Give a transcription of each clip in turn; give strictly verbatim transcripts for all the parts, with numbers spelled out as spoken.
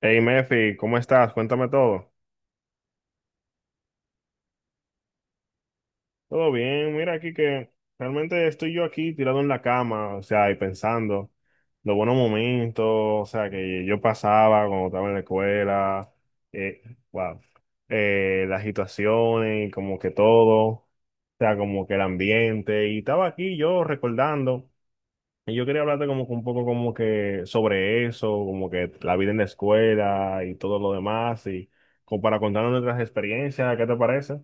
Hey Mefi, ¿cómo estás? Cuéntame todo. Todo bien, mira aquí que realmente estoy yo aquí tirado en la cama, o sea, y pensando los buenos momentos, o sea, que yo pasaba cuando estaba en la escuela, eh, wow, eh, las situaciones, y como que todo, o sea, como que el ambiente, y estaba aquí yo recordando. Y yo quería hablarte como que un poco como que sobre eso, como que la vida en la escuela y todo lo demás, y como para contarnos nuestras experiencias, ¿qué te parece?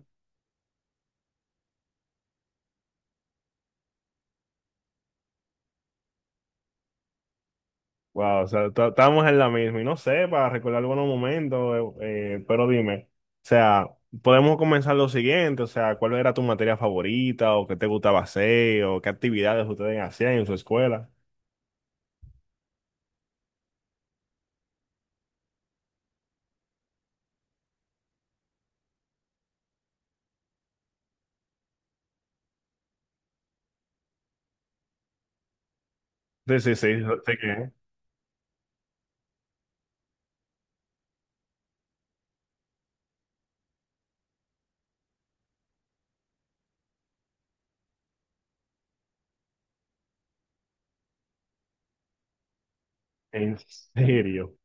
Wow, o sea, ta- estábamos en la misma, y no sé, para recordar algunos momentos, eh, eh, pero dime, o sea, podemos comenzar lo siguiente, o sea, ¿cuál era tu materia favorita, o qué te gustaba hacer, o qué actividades ustedes hacían en su escuela? Sí, sí, sí, sé que, en serio.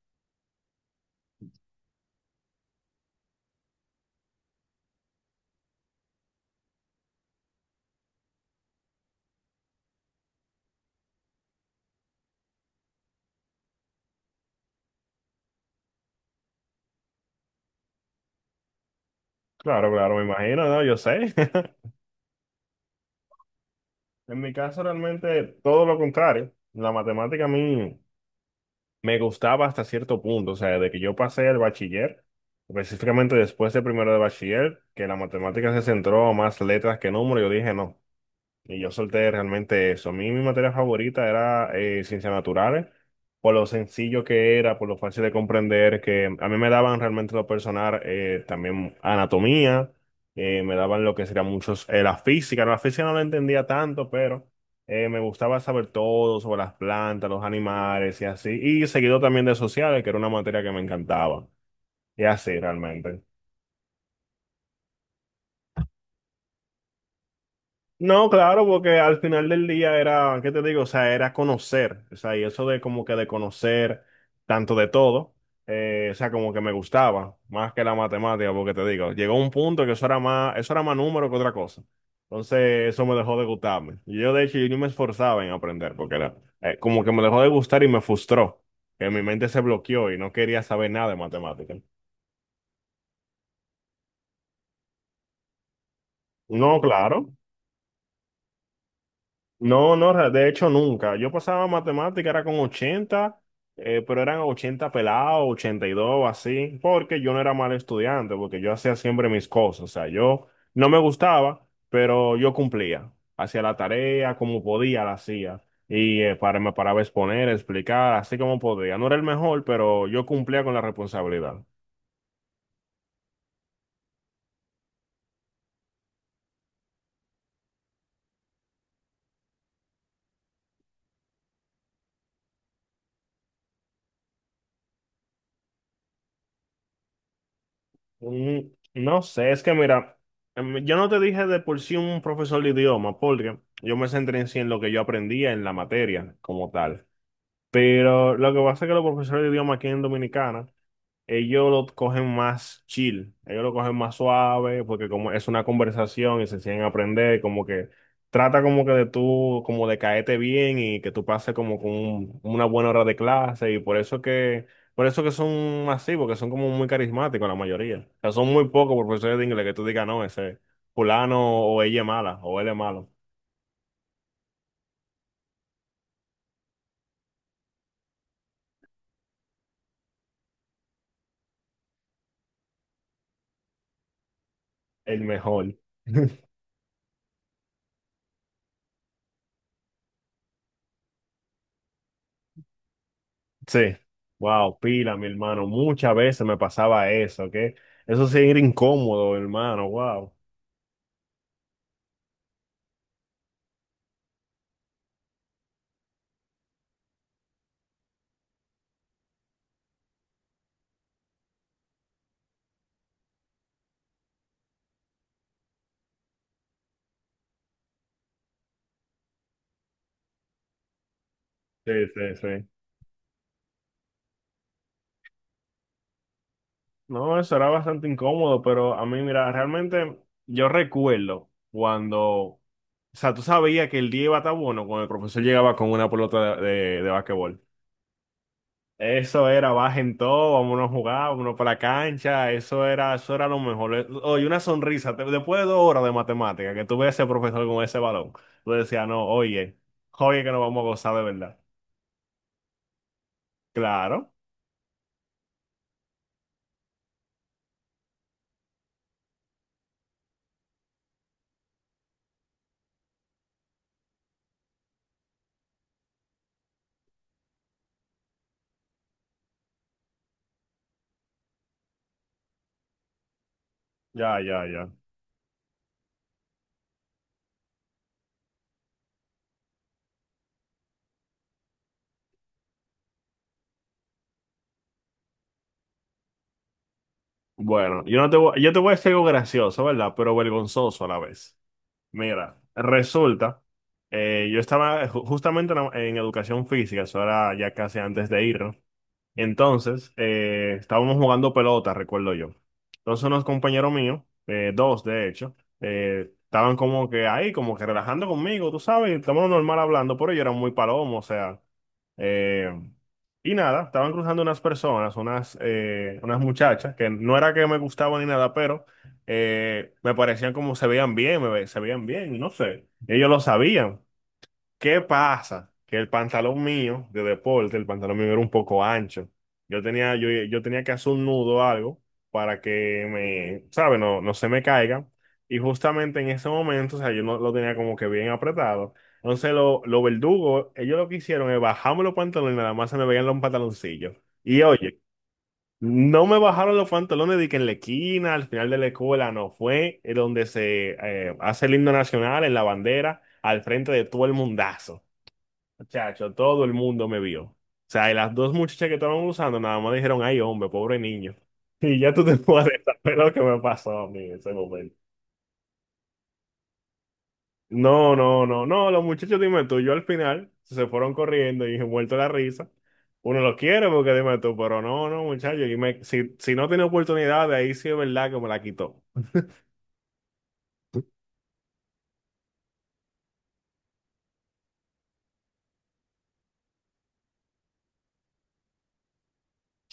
Claro, claro, me imagino, ¿no? Yo sé. En mi caso realmente todo lo contrario. La matemática a mí me gustaba hasta cierto punto, o sea, de que yo pasé el bachiller, específicamente después de primero de bachiller, que la matemática se centró más letras que números, yo dije no. Y yo solté realmente eso. A mí mi materia favorita era eh, ciencias naturales, por lo sencillo que era, por lo fácil de comprender, que a mí me daban realmente lo personal, eh, también anatomía, eh, me daban lo que sería muchos, eh, la física, la física no la entendía tanto, pero eh, me gustaba saber todo sobre las plantas, los animales y así. Y seguido también de sociales, que era una materia que me encantaba. Y así realmente. No, claro, porque al final del día era, ¿qué te digo? O sea, era conocer, o sea, y eso de como que de conocer tanto de todo, eh, o sea, como que me gustaba más que la matemática, porque te digo, llegó un punto que eso era más, eso era más número que otra cosa. Entonces, eso me dejó de gustarme. Y yo, de hecho, yo ni me esforzaba en aprender, porque era, eh, como que me dejó de gustar y me frustró, que mi mente se bloqueó y no quería saber nada de matemática. No, claro. No, no, re- de hecho nunca. Yo pasaba matemática, era con ochenta, eh, pero eran ochenta pelados, ochenta y dos, así, porque yo no era mal estudiante, porque yo hacía siempre mis cosas. O sea, yo no me gustaba, pero yo cumplía. Hacía la tarea como podía, la hacía. Y eh, para, me paraba a exponer, a explicar, así como podía. No era el mejor, pero yo cumplía con la responsabilidad. Mm, no sé, es que mira, em, yo no te dije de por sí un profesor de idioma, porque yo me centré en sí en lo que yo aprendía en la materia como tal. Pero lo que pasa es que los profesores de idioma aquí en Dominicana ellos lo cogen más chill, ellos lo cogen más suave, porque como es una conversación y se siguen a aprender, como que trata como que de tú, como de caerte bien y que tú pases como con un- una buena hora de clase y por eso que, por eso que son así, porque son como muy carismáticos la mayoría. O sea, son muy pocos profesores de inglés que tú digas, no, ese fulano o ella es mala o él es malo, el mejor. Sí, wow, pila, mi hermano. Muchas veces me pasaba eso, ¿ok? Eso sí era incómodo, hermano, wow. Sí, sí, sí. No, eso era bastante incómodo, pero a mí, mira, realmente yo recuerdo cuando, o sea, tú sabías que el día iba a estar bueno cuando el profesor llegaba con una pelota de, de, de basquetbol. Eso era, bajen todo, vámonos a jugar, vámonos para la cancha, eso era, eso era lo mejor. Eh, Oye, una sonrisa, te- después de dos horas de matemática, que tú ves a ese profesor con ese balón, tú decías, no, oye, oye que nos vamos a gozar de verdad. Claro, ya, ya, ya. Bueno, yo no te voy, yo te voy a decir algo gracioso, ¿verdad? Pero vergonzoso a la vez. Mira, resulta, eh, yo estaba ju- justamente en, la- en educación física, eso era ya casi antes de ir. Entonces, eh, estábamos jugando pelota, recuerdo yo. Entonces unos compañeros míos, eh, dos de hecho, eh, estaban como que ahí, como que relajando conmigo, tú sabes, estábamos normal hablando, pero yo era muy palomo, o sea, eh, y nada, estaban cruzando unas personas, unas, eh, unas muchachas, que no era que me gustaban ni nada, pero eh, me parecían como se veían bien, me ve- se veían bien, no sé, ellos lo sabían. ¿Qué pasa? Que el pantalón mío de deporte, el pantalón mío era un poco ancho. Yo tenía, yo, yo tenía que hacer un nudo o algo para que me, ¿sabes? No, no se me caiga. Y justamente en ese momento, o sea, yo no lo tenía como que bien apretado. Entonces, los lo los verdugos, ellos lo que hicieron es bajarme los pantalones y nada más se me veían los pantaloncillos. Y oye, no me bajaron los pantalones de que en la esquina, al final de la escuela, no fue eh, donde se eh, hace el himno nacional, en la bandera, al frente de todo el mundazo. Chacho, todo el mundo me vio. O sea, y las dos muchachas que estaban usando nada más dijeron, ay, hombre, pobre niño. Y ya tú te puedes saber lo que me pasó a mí en ese momento. No, no, no, no, los muchachos, dime tú, yo al final se fueron corriendo y muerto la risa. Uno lo quiere porque dime tú, pero no, no, muchachos, y me- si, si no tiene oportunidad, de ahí sí es verdad que me la quitó.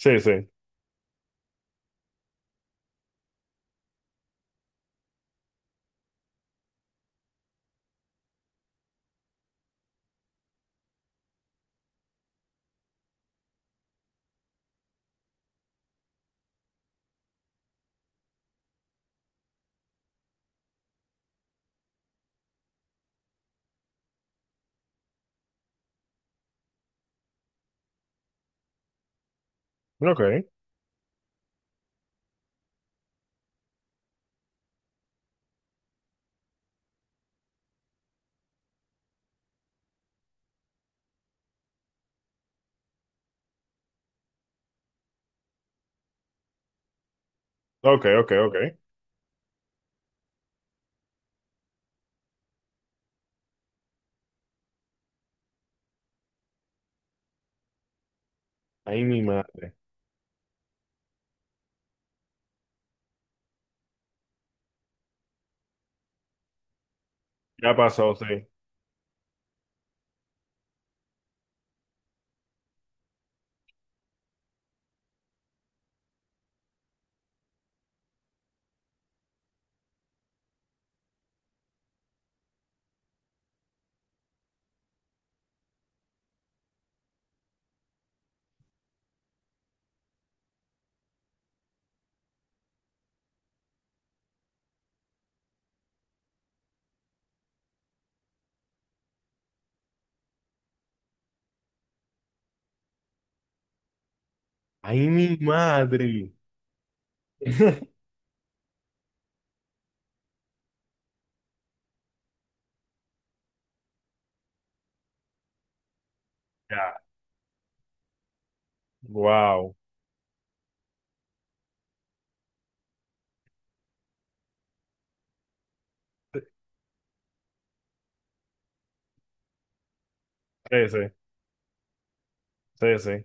Sí, sí. Ok, ok, ok, ok. Ay, mi madre. Ya pasó, sí. Ay, mi madre. Ya, wow. Sí, sí, sí, sí.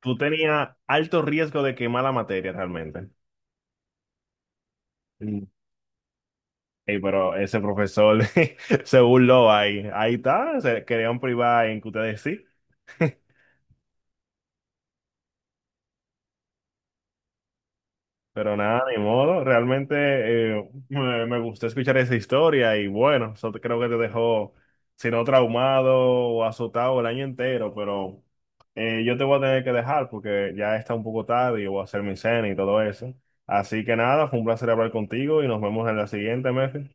Tú tenías alto riesgo de quemar la materia realmente. Mm. Ey, pero ese profesor se burló ahí. Ahí está, se querían privar en que ustedes sí. Pero nada, ni modo. Realmente eh, me, me gustó escuchar esa historia y bueno, eso te- creo que te dejó, si no traumado o azotado el año entero, pero eh, yo te voy a tener que dejar porque ya está un poco tarde y voy a hacer mi cena y todo eso. Así que nada, fue un placer hablar contigo y nos vemos en la siguiente, Mefi.